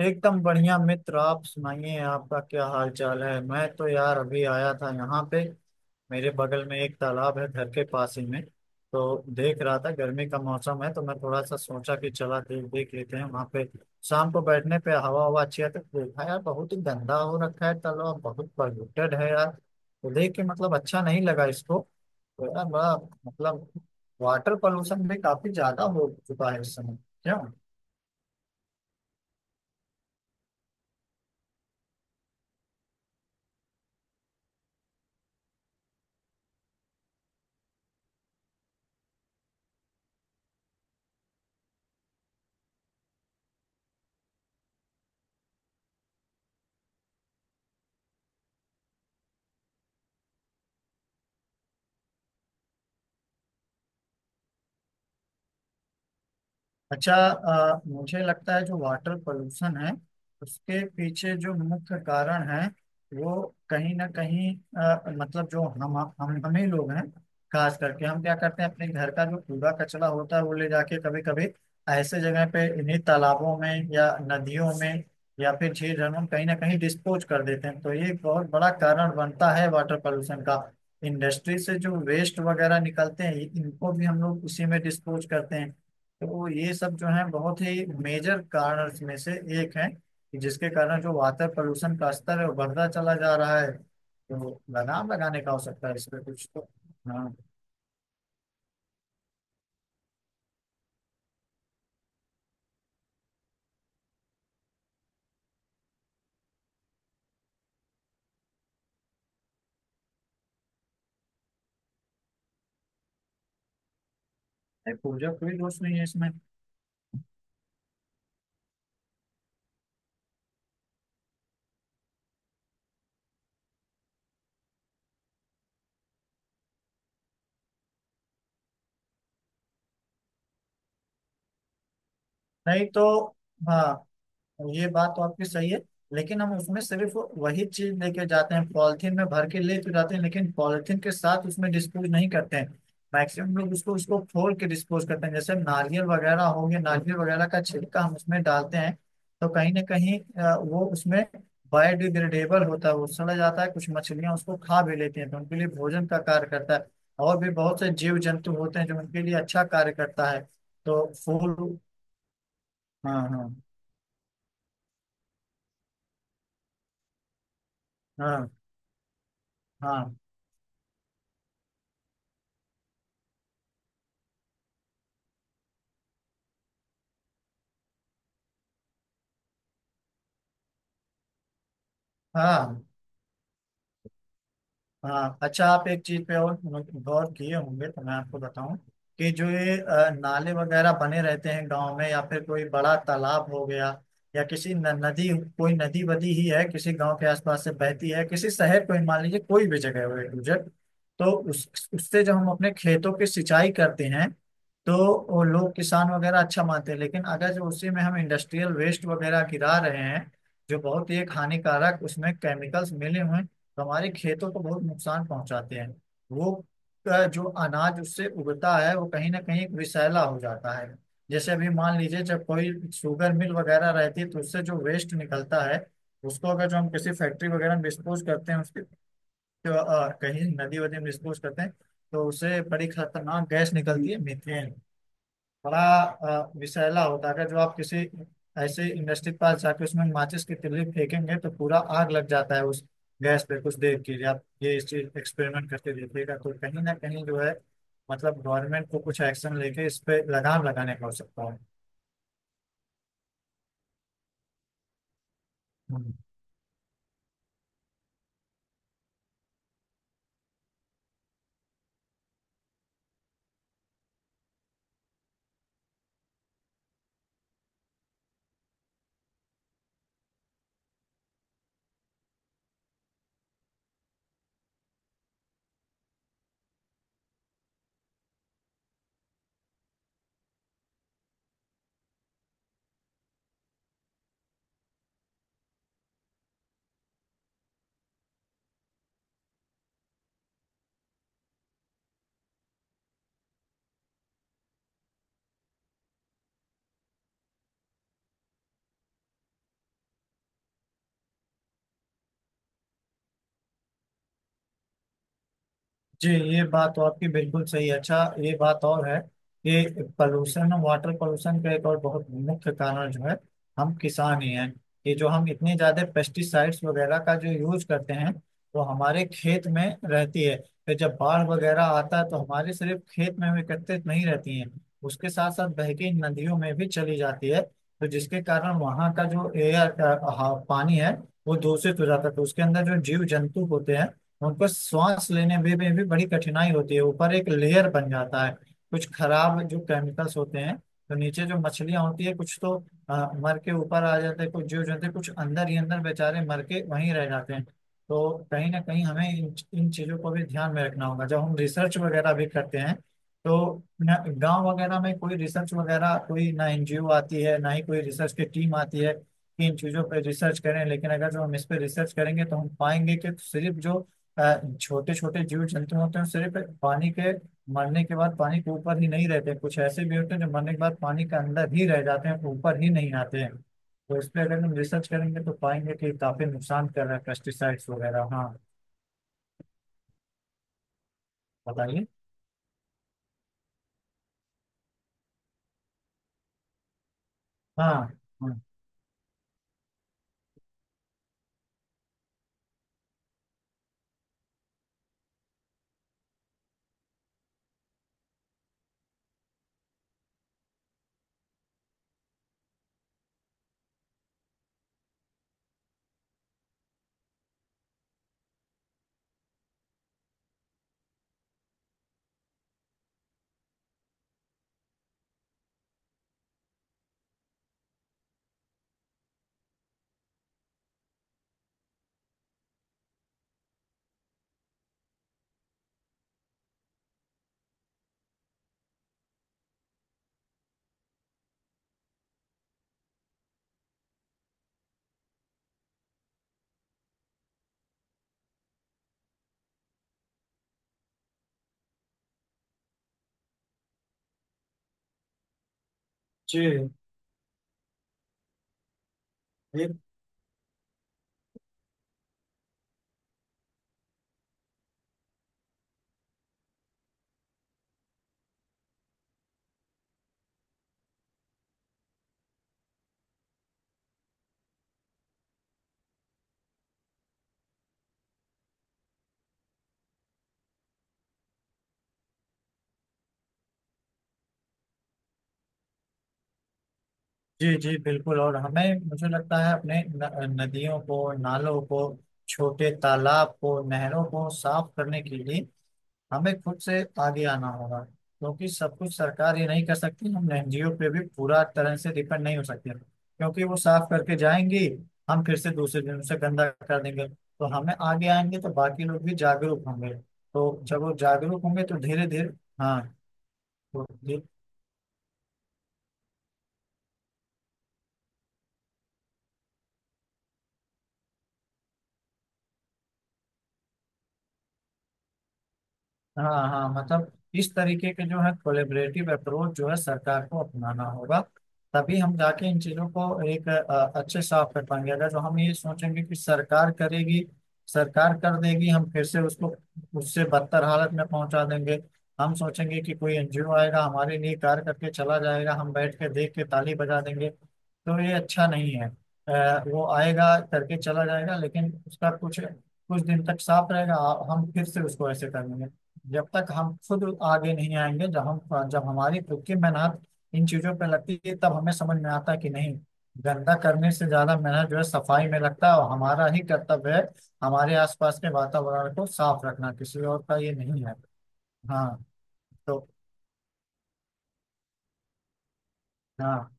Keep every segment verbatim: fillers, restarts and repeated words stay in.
एकदम बढ़िया मित्र। आप सुनाइए, आपका क्या हाल चाल है? मैं तो यार अभी आया था यहाँ पे। मेरे बगल में एक तालाब है घर के पास ही में, तो देख रहा था। गर्मी का मौसम है तो मैं थोड़ा सा सोचा कि चला देख देख लेते हैं वहाँ पे। शाम को बैठने पे हवा हवा अच्छी आती है। तो देखा यार, बहुत ही गंदा हो रखा है तालाब, बहुत पॉल्यूटेड है यार। तो देख के मतलब अच्छा नहीं लगा इसको। तो यार बड़ा मतलब वाटर पॉल्यूशन भी काफी ज्यादा हो चुका है इस समय। क्यों? अच्छा, अ, मुझे लगता है जो वाटर पोल्यूशन है, उसके पीछे जो मुख्य कारण है वो कहीं ना कहीं अ, मतलब जो हम हम हम ही लोग हैं। खास करके हम क्या करते हैं, अपने घर का जो कूड़ा कचरा होता है वो ले जाके कभी कभी ऐसे जगह पे इन्हीं तालाबों में या नदियों में या फिर झील झरनों में कहीं ना कहीं डिस्पोज कर देते हैं। तो ये एक बहुत बड़ा कारण बनता है वाटर पोल्यूशन का। इंडस्ट्री से जो वेस्ट वगैरह निकलते हैं इनको भी हम लोग उसी में डिस्पोज करते हैं। तो ये सब जो है बहुत ही मेजर कारणस में से एक है, कि जिसके कारण जो वाटर पोल्यूशन का स्तर है वो बढ़ता चला जा रहा है। तो लगाम लगाने का हो सकता है इस पे कुछ तो। हाँ, नहीं, पूरा कोई दोष नहीं है इसमें। नहीं तो। हाँ, ये बात तो आपकी सही है, लेकिन हम उसमें सिर्फ वही चीज लेके जाते हैं। पॉलिथीन में भर के ले तो जाते हैं लेकिन पॉलिथीन के साथ उसमें डिस्पोज नहीं करते हैं। मैक्सिमम लोग उसको उसको फोड़ के डिस्पोज करते हैं। जैसे नारियल वगैरह हो गया, नारियल वगैरह का छिलका हम उसमें डालते हैं। तो कहीं ना कहीं अ, वो उसमें बायोडिग्रेडेबल होता है, वो सड़ा जाता है। कुछ मछलियां उसको खा भी लेती हैं तो उनके लिए भोजन का कार्य करता है। और भी बहुत से जीव जंतु होते हैं जो उनके लिए अच्छा कार्य करता है। तो फूल। हाँ हाँ हाँ हाँ हाँ हाँ अच्छा, आप एक चीज पे और गौर किए होंगे तो मैं आपको बताऊं, कि जो ये अ, नाले वगैरह बने रहते हैं गांव में, या फिर कोई बड़ा तालाब हो गया, या किसी न, नदी, कोई नदी वदी ही है किसी गांव के आसपास से बहती है, किसी शहर को ही मान लीजिए, कोई भी जगह हो एक गुजर। तो उस उससे जब हम अपने खेतों की सिंचाई करते हैं तो वो लोग किसान वगैरह अच्छा मानते हैं, लेकिन अगर जो उसी में हम इंडस्ट्रियल वेस्ट वगैरह गिरा रहे हैं, जो बहुत ही एक हानिकारक उसमें केमिकल्स मिले हुए हैं, तो हमारे खेतों को बहुत नुकसान पहुंचाते हैं वो। अ, जो अनाज उससे उगता है वो कहीं ना कहीं विषैला हो जाता है। जैसे अभी मान लीजिए जब कोई शुगर मिल वगैरह रहती है तो उससे जो वेस्ट निकलता है, उसको अगर जो हम किसी फैक्ट्री वगैरह में डिस्पोज करते हैं उसके जो, अ, कहीं नदी वदी में डिस्पोज करते हैं, तो उससे बड़ी खतरनाक गैस निकलती है, मीथेन। बड़ा अ, विषैला होता है। अगर जो आप किसी ऐसे इंडस्ट्री के पास जाके उसमें माचिस की तिल्ली फेंकेंगे तो पूरा आग लग जाता है उस गैस पे कुछ देर के लिए। आप ये इस चीज एक्सपेरिमेंट करके देखिएगा। तो कहीं ना कहीं जो है मतलब गवर्नमेंट को कुछ एक्शन लेके इस पे लगाम लगाने की आवश्यकता है। हम्म। जी, ये बात तो आपकी बिल्कुल सही है। अच्छा, ये बात और है कि पॉल्यूशन और वाटर पॉल्यूशन का एक और बहुत मुख्य कारण जो है, हम किसान ही हैं, कि जो हम इतने ज्यादा पेस्टिसाइड्स वगैरह का जो यूज करते हैं वो हमारे खेत में रहती है। फिर जब बाढ़ वगैरह आता है तो हमारे सिर्फ खेत में हम एकत्रित नहीं रहती है, उसके साथ साथ बह के नदियों में भी चली जाती है। तो जिसके कारण वहाँ का जो एयर पानी है वो दूषित हो जाता है। तो उसके अंदर जो जीव जंतु होते हैं उनको श्वास लेने में भी, भी बड़ी कठिनाई होती है। ऊपर एक लेयर बन जाता है कुछ खराब जो केमिकल्स होते हैं। तो नीचे जो मछलियां होती है कुछ तो अ, मर के ऊपर आ जाते हैं, कुछ जीव जंतु कुछ अंदर ही अंदर बेचारे मर के वहीं रह जाते हैं। तो कहीं ना कहीं हमें इन, इन चीजों को भी ध्यान में रखना होगा जब हम रिसर्च वगैरह भी करते हैं। तो न गांव वगैरह में कोई रिसर्च वगैरह कोई ना एनजीओ आती है ना ही कोई रिसर्च की टीम आती है कि इन चीजों पर रिसर्च करें। लेकिन अगर जो हम इस पर रिसर्च करेंगे तो हम पाएंगे कि सिर्फ जो छोटे छोटे जीव जंतु होते हैं सिर्फ पानी के मरने के बाद पानी के ऊपर ही नहीं रहते, कुछ ऐसे भी होते हैं जो मरने के बाद पानी के अंदर ही रह जाते हैं, ऊपर ही नहीं आते हैं। तो इस पे अगर हम रिसर्च करेंगे तो पाएंगे कि काफी नुकसान कर रहा है पेस्टिसाइड्स वगैरह। हाँ, बताइए। हाँ। हाँ, जी। जी। जी जी बिल्कुल। और हमें मुझे लगता है अपने न, नदियों को, नालों को, छोटे तालाब को, नहरों को साफ करने के लिए हमें खुद से आगे आना होगा। क्योंकि सब कुछ सरकार ये नहीं कर सकती, हम एनजीओ पे भी पूरा तरह से डिपेंड नहीं हो सकते, क्योंकि वो साफ करके जाएंगी, हम फिर से दूसरे दिन उसे गंदा कर देंगे। तो हमें आगे आएंगे तो बाकी लोग भी जागरूक होंगे। तो जब वो जागरूक होंगे तो धीरे धीरे। हाँ तो धीरे। हाँ हाँ मतलब इस तरीके के जो है कोलेबरेटिव अप्रोच जो है सरकार को अपनाना होगा। तभी हम जाके इन चीजों को एक अ, अच्छे साफ कर पाएंगे। अगर जो हम ये सोचेंगे कि सरकार करेगी, सरकार कर देगी, हम फिर से उसको उससे बदतर हालत में पहुंचा देंगे। हम सोचेंगे कि कोई एनजीओ आएगा हमारे लिए कार्य करके चला जाएगा, हम बैठ के देख के ताली बजा देंगे तो ये अच्छा नहीं है। अ, वो आएगा करके चला जाएगा, लेकिन उसका कुछ कुछ दिन तक साफ रहेगा, आ- हम फिर से उसको ऐसे कर लेंगे। जब तक हम खुद आगे नहीं आएंगे, जब हम जब हमारी खुद की मेहनत इन चीजों पे लगती है तब हमें समझ में आता है कि नहीं, गंदा करने से ज्यादा मेहनत जो है सफाई में लगता है, और हमारा ही कर्तव्य है हमारे आसपास के वातावरण को साफ रखना, किसी और का ये नहीं है। हाँ तो। हाँ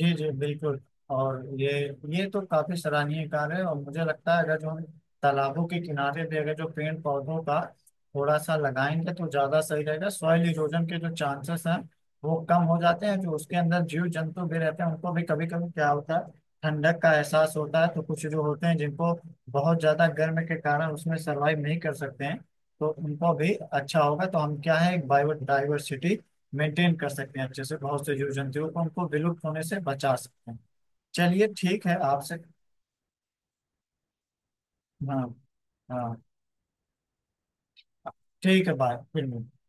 जी जी बिल्कुल। और ये ये तो काफी सराहनीय कार्य है। और मुझे लगता है अगर जो हम तालाबों के किनारे भी अगर जो पेड़ पौधों का थोड़ा सा लगाएंगे तो ज्यादा सही रहेगा। सॉइल इरोजन के जो चांसेस हैं वो कम हो जाते हैं। जो उसके अंदर जीव जंतु भी रहते हैं उनको भी कभी कभी क्या होता है, ठंडक का एहसास होता है। तो कुछ जो होते हैं जिनको बहुत ज्यादा गर्म के कारण उसमें सर्वाइव नहीं कर सकते हैं, तो उनको भी अच्छा होगा। तो हम क्या है, एक बायोडाइवर्सिटी मेंटेन कर सकते हैं अच्छे से, बहुत से जीव जंतुओं को उनको विलुप्त होने से बचा सकते हैं। चलिए ठीक है आपसे। हाँ। हाँ ठीक है, बाय, फिर मिलते हैं।